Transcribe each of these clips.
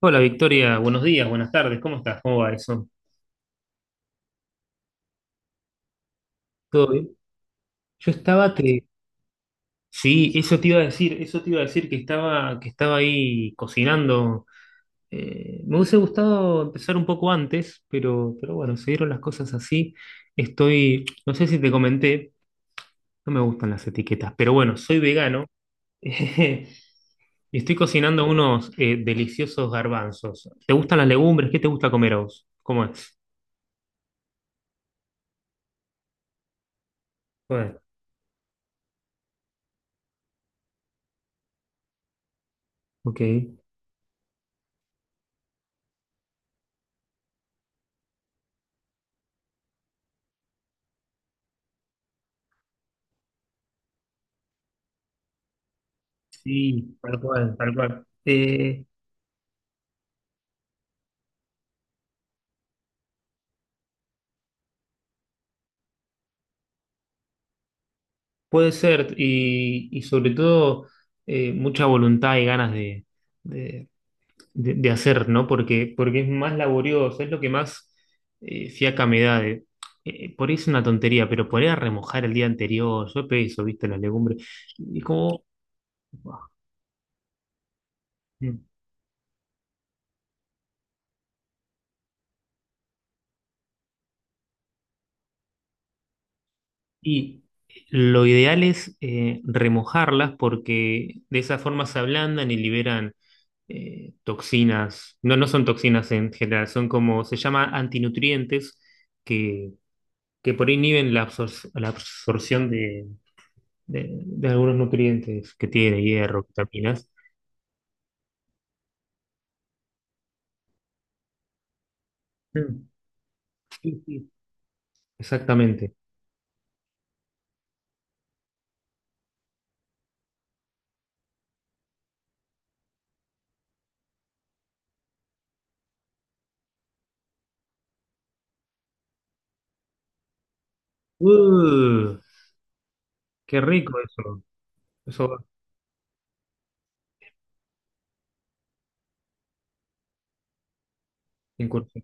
Hola Victoria, buenos días, buenas tardes, ¿cómo estás? ¿Cómo va eso? ¿Todo bien? Yo estaba te... Sí, eso te iba a decir, eso te iba a decir que estaba ahí cocinando. Me hubiese gustado empezar un poco antes, pero bueno, se dieron las cosas así. Estoy, no sé si te comenté, no me gustan las etiquetas, pero bueno, soy vegano y estoy cocinando unos deliciosos garbanzos. ¿Te gustan las legumbres? ¿Qué te gusta comer a vos? ¿Cómo es? ¿Cómo es? Ok. Sí, tal cual, tal cual. Puede ser, y sobre todo mucha voluntad y ganas de, de hacer, ¿no? Porque es más laborioso, es lo que más fiaca me da. Por ahí es una tontería, pero poner a remojar el día anterior, yo eso, viste, las legumbres. Y como, mm, y lo ideal es remojarlas porque de esa forma se ablandan y liberan toxinas, no, no son toxinas en general, son como se llama antinutrientes que, que por ahí inhiben la absorción de algunos nutrientes que tiene, hierro, vitaminas. Mm. Sí, sí, exactamente. Uh, qué rico eso. Eso en curso.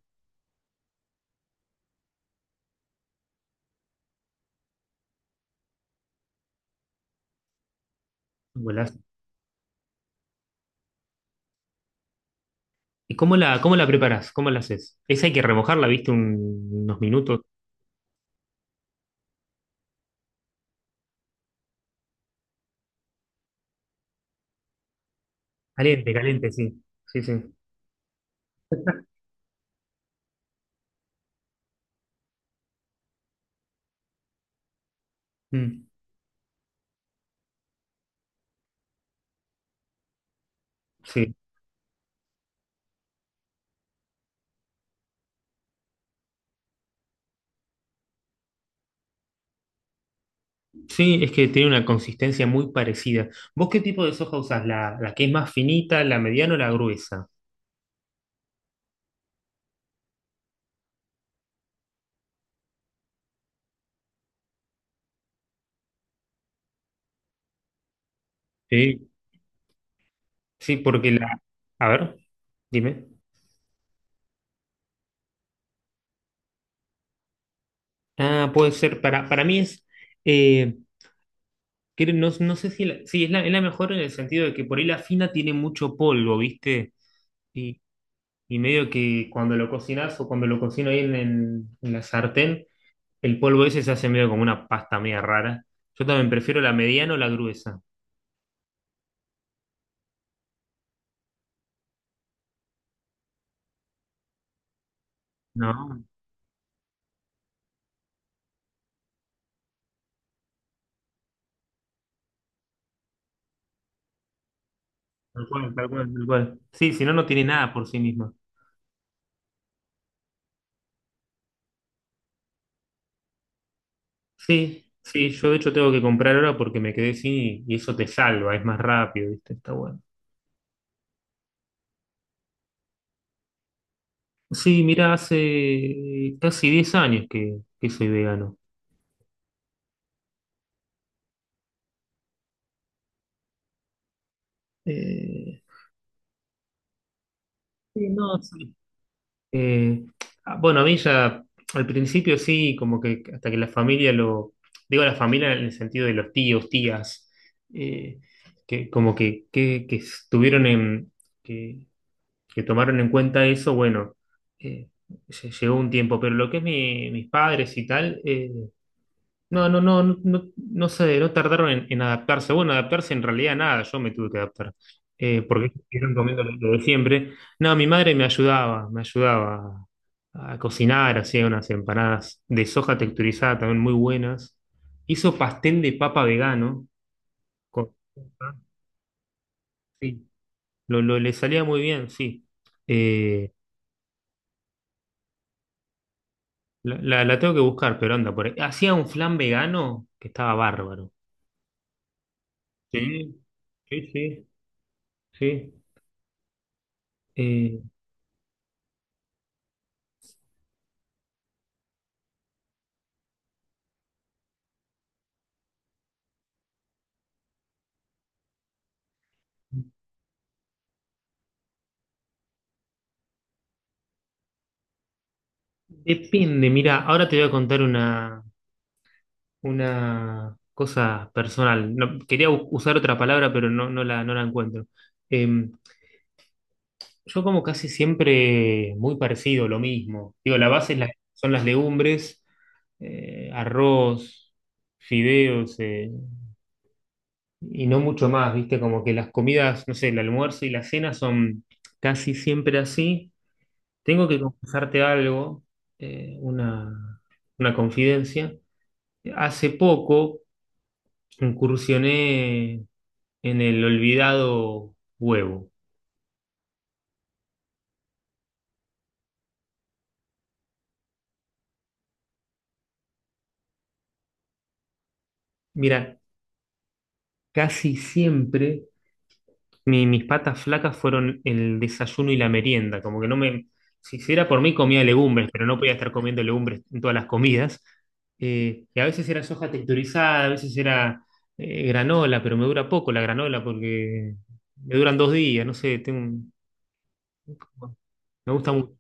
Golazo. ¿Y cómo la preparás? ¿Cómo la haces? Esa hay que remojarla, ¿viste? Unos minutos. Caliente, caliente, sí. Sí, sí. Mm, sí. Sí, es que tiene una consistencia muy parecida. ¿Vos qué tipo de soja usás? ¿La, la que es más finita, la mediana o la gruesa? Sí, sí, porque la... A ver, dime. Ah, puede ser, para mí es... eh, no, no sé si... sí, es la mejor en el sentido de que por ahí la fina tiene mucho polvo, ¿viste? Y, y medio que cuando lo cocinas o cuando lo cocino ahí en la sartén, el polvo ese se hace medio como una pasta media rara. Yo también prefiero la mediana o la gruesa. ¿No? Tal cual, tal cual, tal cual. Sí, si no, no tiene nada por sí misma. Sí, sí, yo de hecho tengo que comprar ahora porque me quedé sin y eso te salva, es más rápido, ¿viste? Está bueno. Sí, mira, hace casi 10 años que soy vegano. Eh, sí, no, sí. Eh, bueno, a mí ya al principio sí, como que hasta que la familia lo. Digo la familia en el sentido de los tíos, tías, eh, que como que estuvieron en. que que tomaron en cuenta eso, bueno, eh, llegó un tiempo, pero lo que es mis padres y tal, no, no, no, no, no, no sé, no tardaron en adaptarse. Bueno, adaptarse en realidad nada, yo me tuve que adaptar, porque ellos siguieron comiendo lo de siempre. No, mi madre me ayudaba, a cocinar, hacía unas empanadas de soja texturizada también muy buenas. Hizo pastel de papa vegano. con- Sí, le salía muy bien, sí. Eh, la tengo que buscar, pero anda por ahí. Hacía un flan vegano que estaba bárbaro. Sí, sí, sí, sí. Eh, Depende, mira, ahora te voy a contar una cosa personal. No, quería usar otra palabra, pero no, no la encuentro. Eh, yo como casi siempre muy parecido, lo mismo. Digo, la base es son las legumbres, arroz, fideos. Y no mucho más, ¿viste? Como que las comidas, no sé, el almuerzo y la cena son casi siempre así. Tengo que confesarte algo, eh, una, una confidencia. Hace poco incursioné en el olvidado huevo. Mira, casi siempre mis patas flacas fueron el desayuno y la merienda, como que no me, si, si era por mí comía legumbres, pero no podía estar comiendo legumbres en todas las comidas. Y a veces era soja texturizada, a veces era granola, pero me dura poco la granola porque me duran 2 días, no sé, tengo, me gusta mucho.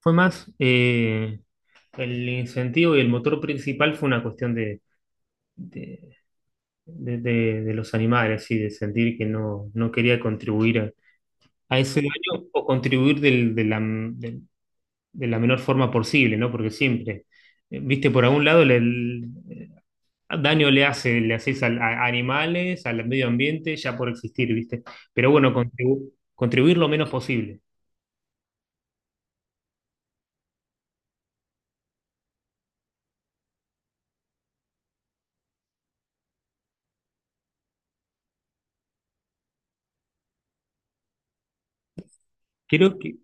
Fue más el incentivo y el motor principal fue una cuestión de, de los animales y de sentir que no, no quería contribuir a ese daño o contribuir de la menor forma posible, ¿no? Porque siempre, viste, por algún lado daño le hace, le haces a animales, al medio ambiente, ya por existir, viste. Pero bueno, contribuir lo menos posible. Creo que,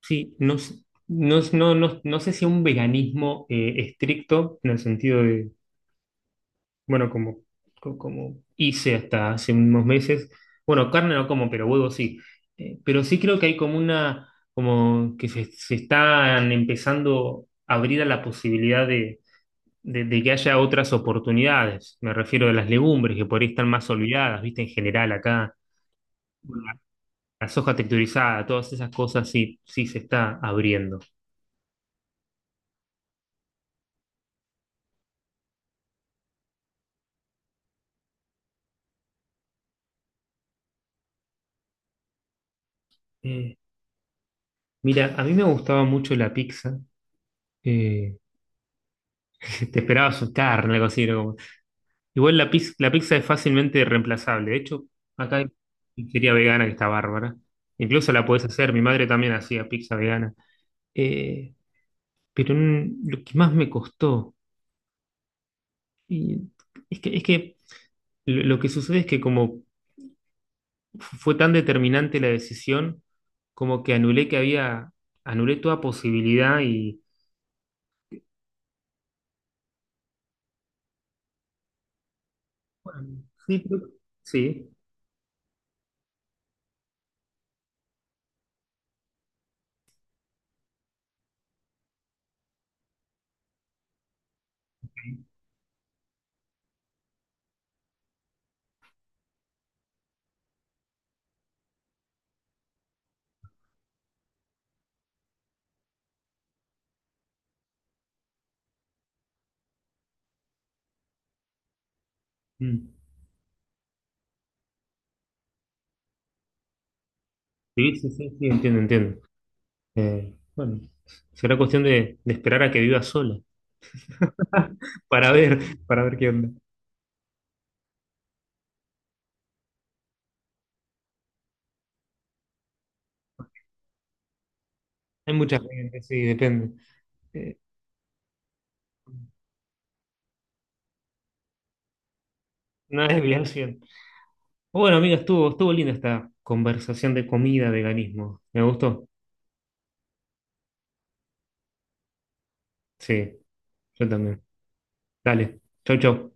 sí, no, no, no, no, no sé si un veganismo estricto, en el sentido de bueno, como, como hice hasta hace unos meses, bueno, carne no como, pero huevo sí. Pero sí creo que hay como como que se están empezando a abrir a la posibilidad de que haya otras oportunidades. Me refiero a las legumbres, que por ahí están más olvidadas, ¿viste? En general acá, la la soja texturizada, todas esas cosas sí, sí se está abriendo. Eh, Mira, a mí me gustaba mucho la pizza. eh, te esperaba asustar, algo así, ¿no? Igual la pizza es fácilmente reemplazable. De hecho, acá hay pizzería vegana que está bárbara. Incluso la podés hacer. Mi madre también hacía pizza vegana. Eh, pero mm, lo que más me costó y es que lo que sucede es que como fue tan determinante la decisión, como que anulé que había, anulé toda posibilidad y... Bueno, sí, creo sí. Mm. Sí, sí, sí, sí, entiendo, entiendo. Bueno, será cuestión de esperar a que viva sola. Para ver, para ver qué onda. Hay mucha gente, sí, depende. Eh, una desviación. Bueno, amiga, estuvo linda esta conversación de comida, veganismo. ¿Me gustó? Sí, yo también. Dale, chau, chau.